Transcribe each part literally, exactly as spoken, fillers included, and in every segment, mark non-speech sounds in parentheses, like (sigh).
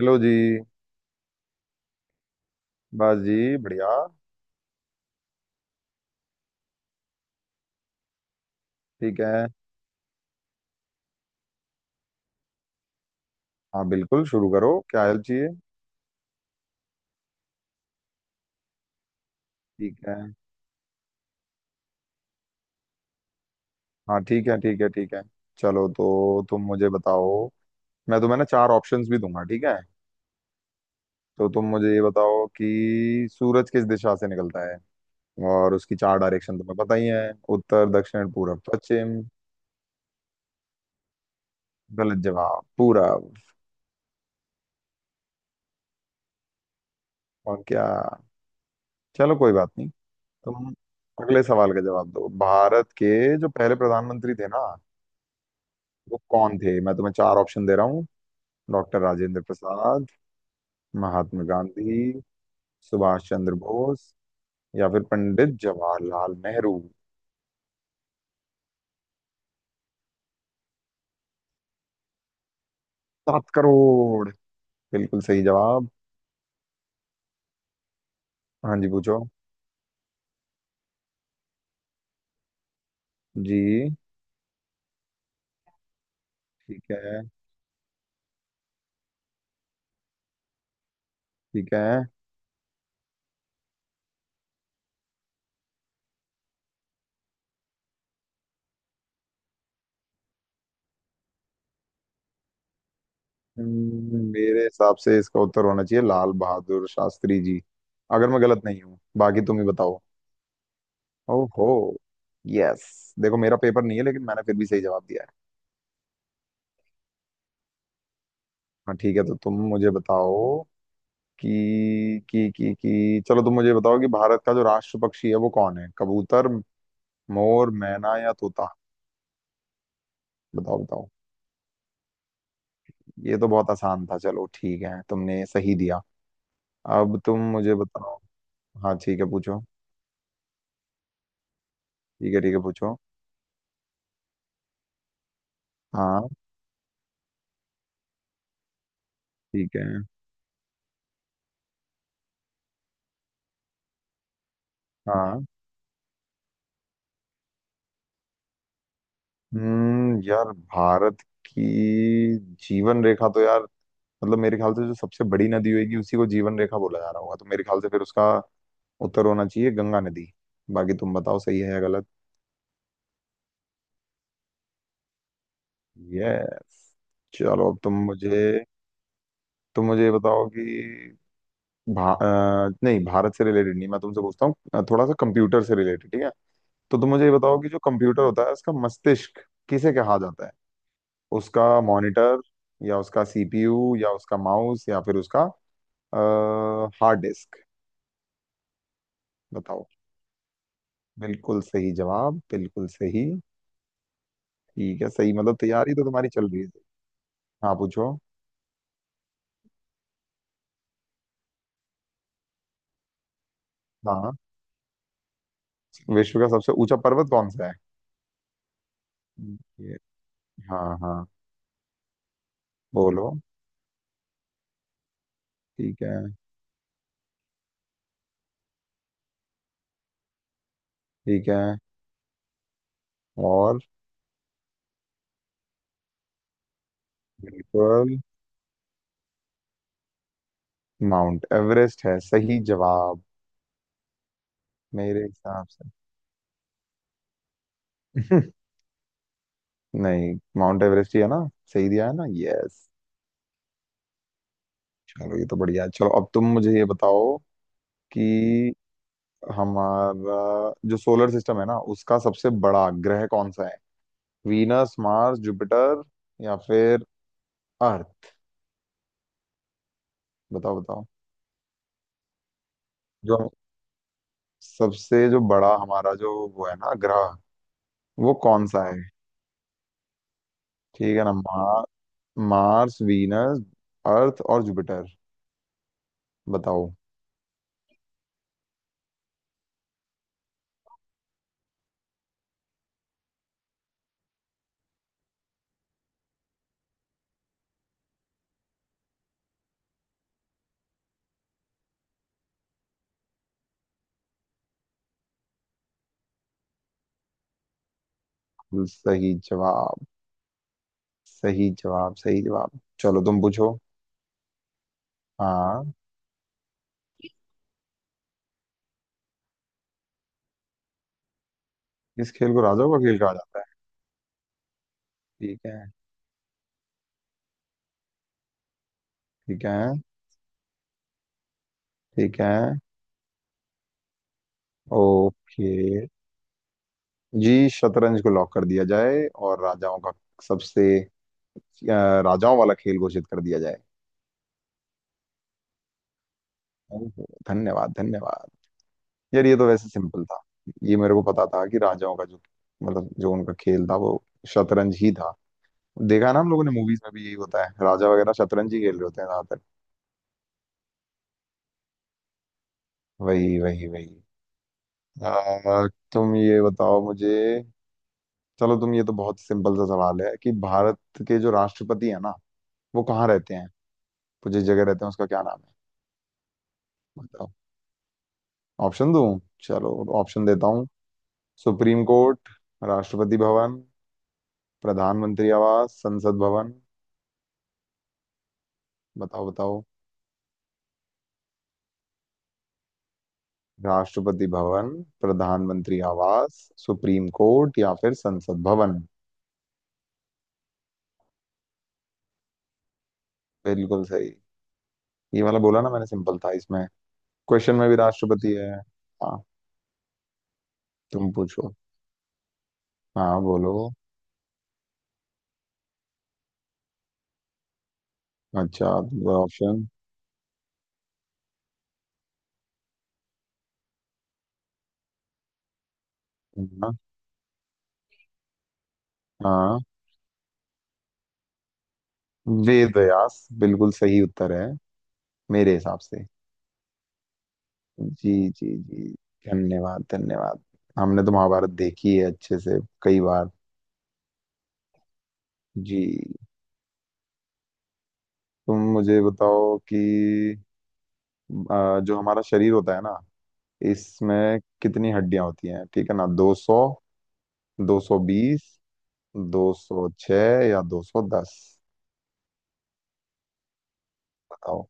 Hello जी। बस जी। बढ़िया। ठीक है। हाँ बिल्कुल, शुरू करो, क्या हेल्प चाहिए। ठीक है। हाँ ठीक है, ठीक है, ठीक है। चलो तो तुम मुझे बताओ। मैं तुम्हें ना चार ऑप्शंस भी दूंगा, ठीक है। तो तुम मुझे ये बताओ कि सूरज किस दिशा से निकलता है। और उसकी चार डायरेक्शन तुम्हें पता ही है। उत्तर, दक्षिण, पूरब, पश्चिम। गलत जवाब, पूरब। और क्या। चलो कोई बात नहीं। तुम अगले सवाल का जवाब दो। भारत के जो पहले प्रधानमंत्री थे ना, वो कौन थे। मैं तुम्हें चार ऑप्शन दे रहा हूँ। डॉक्टर राजेंद्र प्रसाद, महात्मा गांधी, सुभाष चंद्र बोस, या फिर पंडित जवाहरलाल नेहरू। सात करोड़, बिल्कुल सही जवाब। हाँ जी पूछो। जी। ठीक है, ठीक है। हम्म, मेरे हिसाब से इसका उत्तर होना चाहिए लाल बहादुर शास्त्री जी। अगर मैं गलत नहीं हूँ, बाकी तुम ही बताओ। ओहो। यस, देखो मेरा पेपर नहीं है लेकिन मैंने फिर भी सही जवाब दिया है। हाँ ठीक है, तो तुम मुझे बताओ कि कि कि कि चलो तुम मुझे बताओ कि भारत का जो राष्ट्र पक्षी है वो कौन है। कबूतर, मोर, मैना या तोता। बताओ बताओ। ये तो बहुत आसान था, चलो ठीक है, तुमने सही दिया। अब तुम मुझे बताओ। हाँ ठीक है पूछो। ठीक है ठीक है पूछो। हाँ। ठीक है। हाँ। हम्म, यार भारत की जीवन रेखा तो यार, मतलब मेरे ख्याल से जो सबसे बड़ी नदी होगी उसी को जीवन रेखा बोला जा रहा होगा, तो मेरे ख्याल से फिर उसका उत्तर होना चाहिए गंगा नदी। बाकी तुम बताओ सही है या गलत। यस। चलो अब तुम मुझे तुम मुझे ये बताओ कि भा, अ, नहीं, भारत से रिलेटेड नहीं, मैं तुमसे पूछता हूँ अ, थोड़ा सा कंप्यूटर से रिलेटेड, ठीक है। तो तुम मुझे ये बताओ कि जो कंप्यूटर होता है उसका मस्तिष्क किसे कहा जाता है। उसका मॉनिटर, या उसका सीपीयू, या उसका माउस, या फिर उसका हार्ड डिस्क। बताओ। बिल्कुल सही जवाब, बिल्कुल सही। ठीक है, सही, मतलब तैयारी तो तुम्हारी चल रही है। हाँ पूछो। हाँ, विश्व का सबसे ऊंचा पर्वत कौन सा है। ये। हाँ हाँ। बोलो। ठीक है। ठीक है। और। बिल्कुल। माउंट एवरेस्ट है सही जवाब मेरे हिसाब से। (laughs) नहीं, माउंट एवरेस्ट ही है ना। सही दिया है ना। यस। चलो, ये तो बढ़िया है। चलो अब तुम मुझे ये बताओ कि हमारा जो सोलर सिस्टम है ना उसका सबसे बड़ा ग्रह कौन सा है। वीनस, मार्स, जुपिटर, या फिर अर्थ। बताओ बताओ। जो सबसे जो बड़ा हमारा जो वो है ना ग्रह, वो कौन सा है। ठीक है ना। मार्स, मार्स, वीनस, अर्थ और जुपिटर। बताओ। सही जवाब, सही जवाब, सही जवाब। चलो तुम पूछो। हाँ, इस खेल को राजाओं का खेल कहा जाता है। ठीक है। ठीक है। ठीक है। ओके। जी, शतरंज को लॉक कर दिया जाए, और राजाओं का सबसे अ, राजाओं वाला खेल घोषित कर दिया जाए। ओहो, धन्यवाद धन्यवाद। यार, ये तो वैसे सिंपल था। ये मेरे को पता था कि राजाओं का जो मतलब जो उनका खेल था वो शतरंज ही था। देखा ना, हम लोगों ने मूवीज में भी यही होता है, राजा वगैरह शतरंज ही खेल रहे होते हैं ज्यादातर। वही वही वही। आ, तुम ये बताओ मुझे। चलो तुम, ये तो बहुत सिंपल सा सवाल है, कि भारत के जो राष्ट्रपति है ना वो कहाँ रहते हैं। वो जिस जगह रहते हैं उसका क्या नाम है। बताओ। ऑप्शन दूं। चलो, ऑप्शन देता हूँ। सुप्रीम कोर्ट, राष्ट्रपति भवन, प्रधानमंत्री आवास, संसद भवन। बताओ बताओ। राष्ट्रपति भवन, प्रधानमंत्री आवास, सुप्रीम कोर्ट, या फिर संसद भवन। बिल्कुल सही। ये वाला बोला ना मैंने, सिंपल था इसमें, क्वेश्चन में भी राष्ट्रपति है। हाँ। तुम पूछो। हाँ बोलो। अच्छा। ऑप्शन। हाँ। हाँ, वेद व्यास बिल्कुल सही उत्तर है मेरे हिसाब से। जी। जी जी। धन्यवाद धन्यवाद। हमने तो महाभारत देखी है अच्छे से कई बार। जी। तुम मुझे बताओ कि अ, जो हमारा शरीर होता है ना इसमें कितनी हड्डियां होती हैं। ठीक है ना। दो सौ, दो सौ बीस, दो सौ छह, या दो सौ दस। बताओ।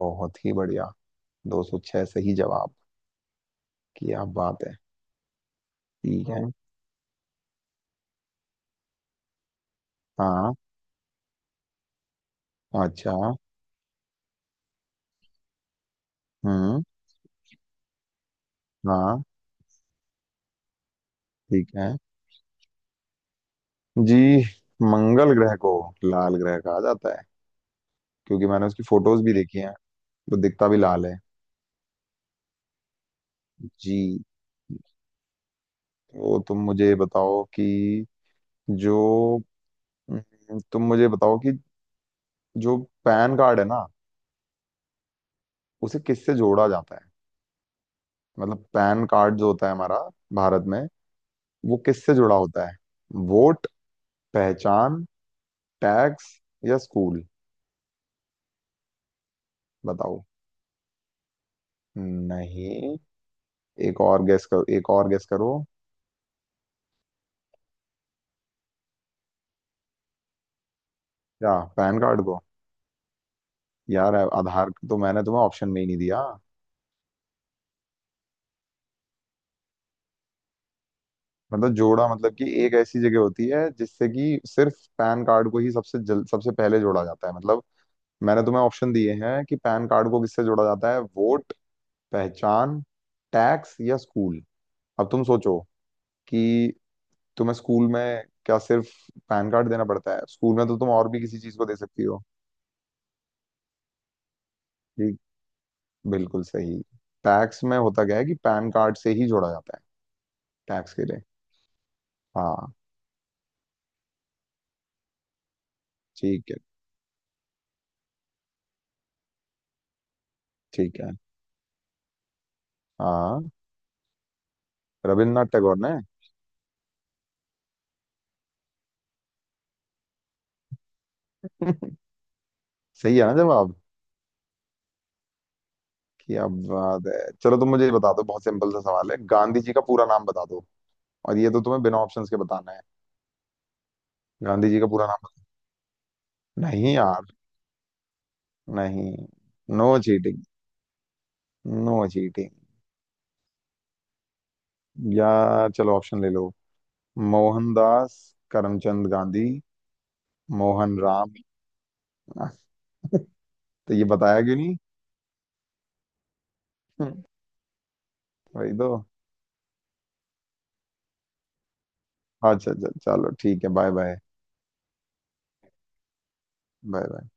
बहुत ही बढ़िया, दो सौ छह सही जवाब, क्या बात है। ठीक है। हाँ। हाँ अच्छा। हम्म। हाँ। ठीक है। जी, मंगल ग्रह को लाल ग्रह कहा जाता है, क्योंकि मैंने उसकी फोटोज भी देखी हैं, तो दिखता भी लाल है। जी। तो तुम मुझे बताओ कि जो हम्म, तुम मुझे बताओ कि जो पैन कार्ड है ना उसे किससे जोड़ा जाता है। मतलब पैन कार्ड जो होता है हमारा भारत में, वो किससे जुड़ा होता है। वोट, पहचान, टैक्स या स्कूल। बताओ। नहीं, एक और गेस करो, एक और गेस करो। क्या, पैन कार्ड को। यार आधार तो मैंने तुम्हें ऑप्शन में ही नहीं दिया। मतलब जोड़ा, मतलब कि एक ऐसी जगह होती है जिससे कि सिर्फ पैन कार्ड को ही सबसे जल, सबसे पहले जोड़ा जाता है। मतलब मैंने तुम्हें ऑप्शन दिए हैं कि पैन कार्ड को किससे जोड़ा जाता है। वोट, पहचान, टैक्स या स्कूल। अब तुम सोचो कि तुम्हें स्कूल में क्या सिर्फ पैन कार्ड देना पड़ता है। स्कूल में तो तुम और भी किसी चीज को दे सकती हो। जी, बिल्कुल सही। टैक्स में होता क्या है कि पैन कार्ड से ही जोड़ा जाता है, टैक्स के लिए। हाँ। ठीक है। ठीक है। हाँ, रविन्द्रनाथ टैगोर ने। (laughs) सही है ना जवाब। क्या बात है, चलो तुम मुझे ये बता दो, बहुत सिंपल सा सवाल है, गांधी जी का पूरा नाम बता दो। और ये तो तुम्हें बिना ऑप्शंस के बताना है। गांधी जी का पूरा नाम बता-। नहीं यार। नहीं, नो चीटिंग। No cheating. या चलो, ऑप्शन ले लो। मोहनदास करमचंद गांधी, मोहन राम। (laughs) तो ये बताया क्यों नहीं। (laughs) वही तो। अच्छा अच्छा, चलो ठीक है, बाय बाय। Bye bye.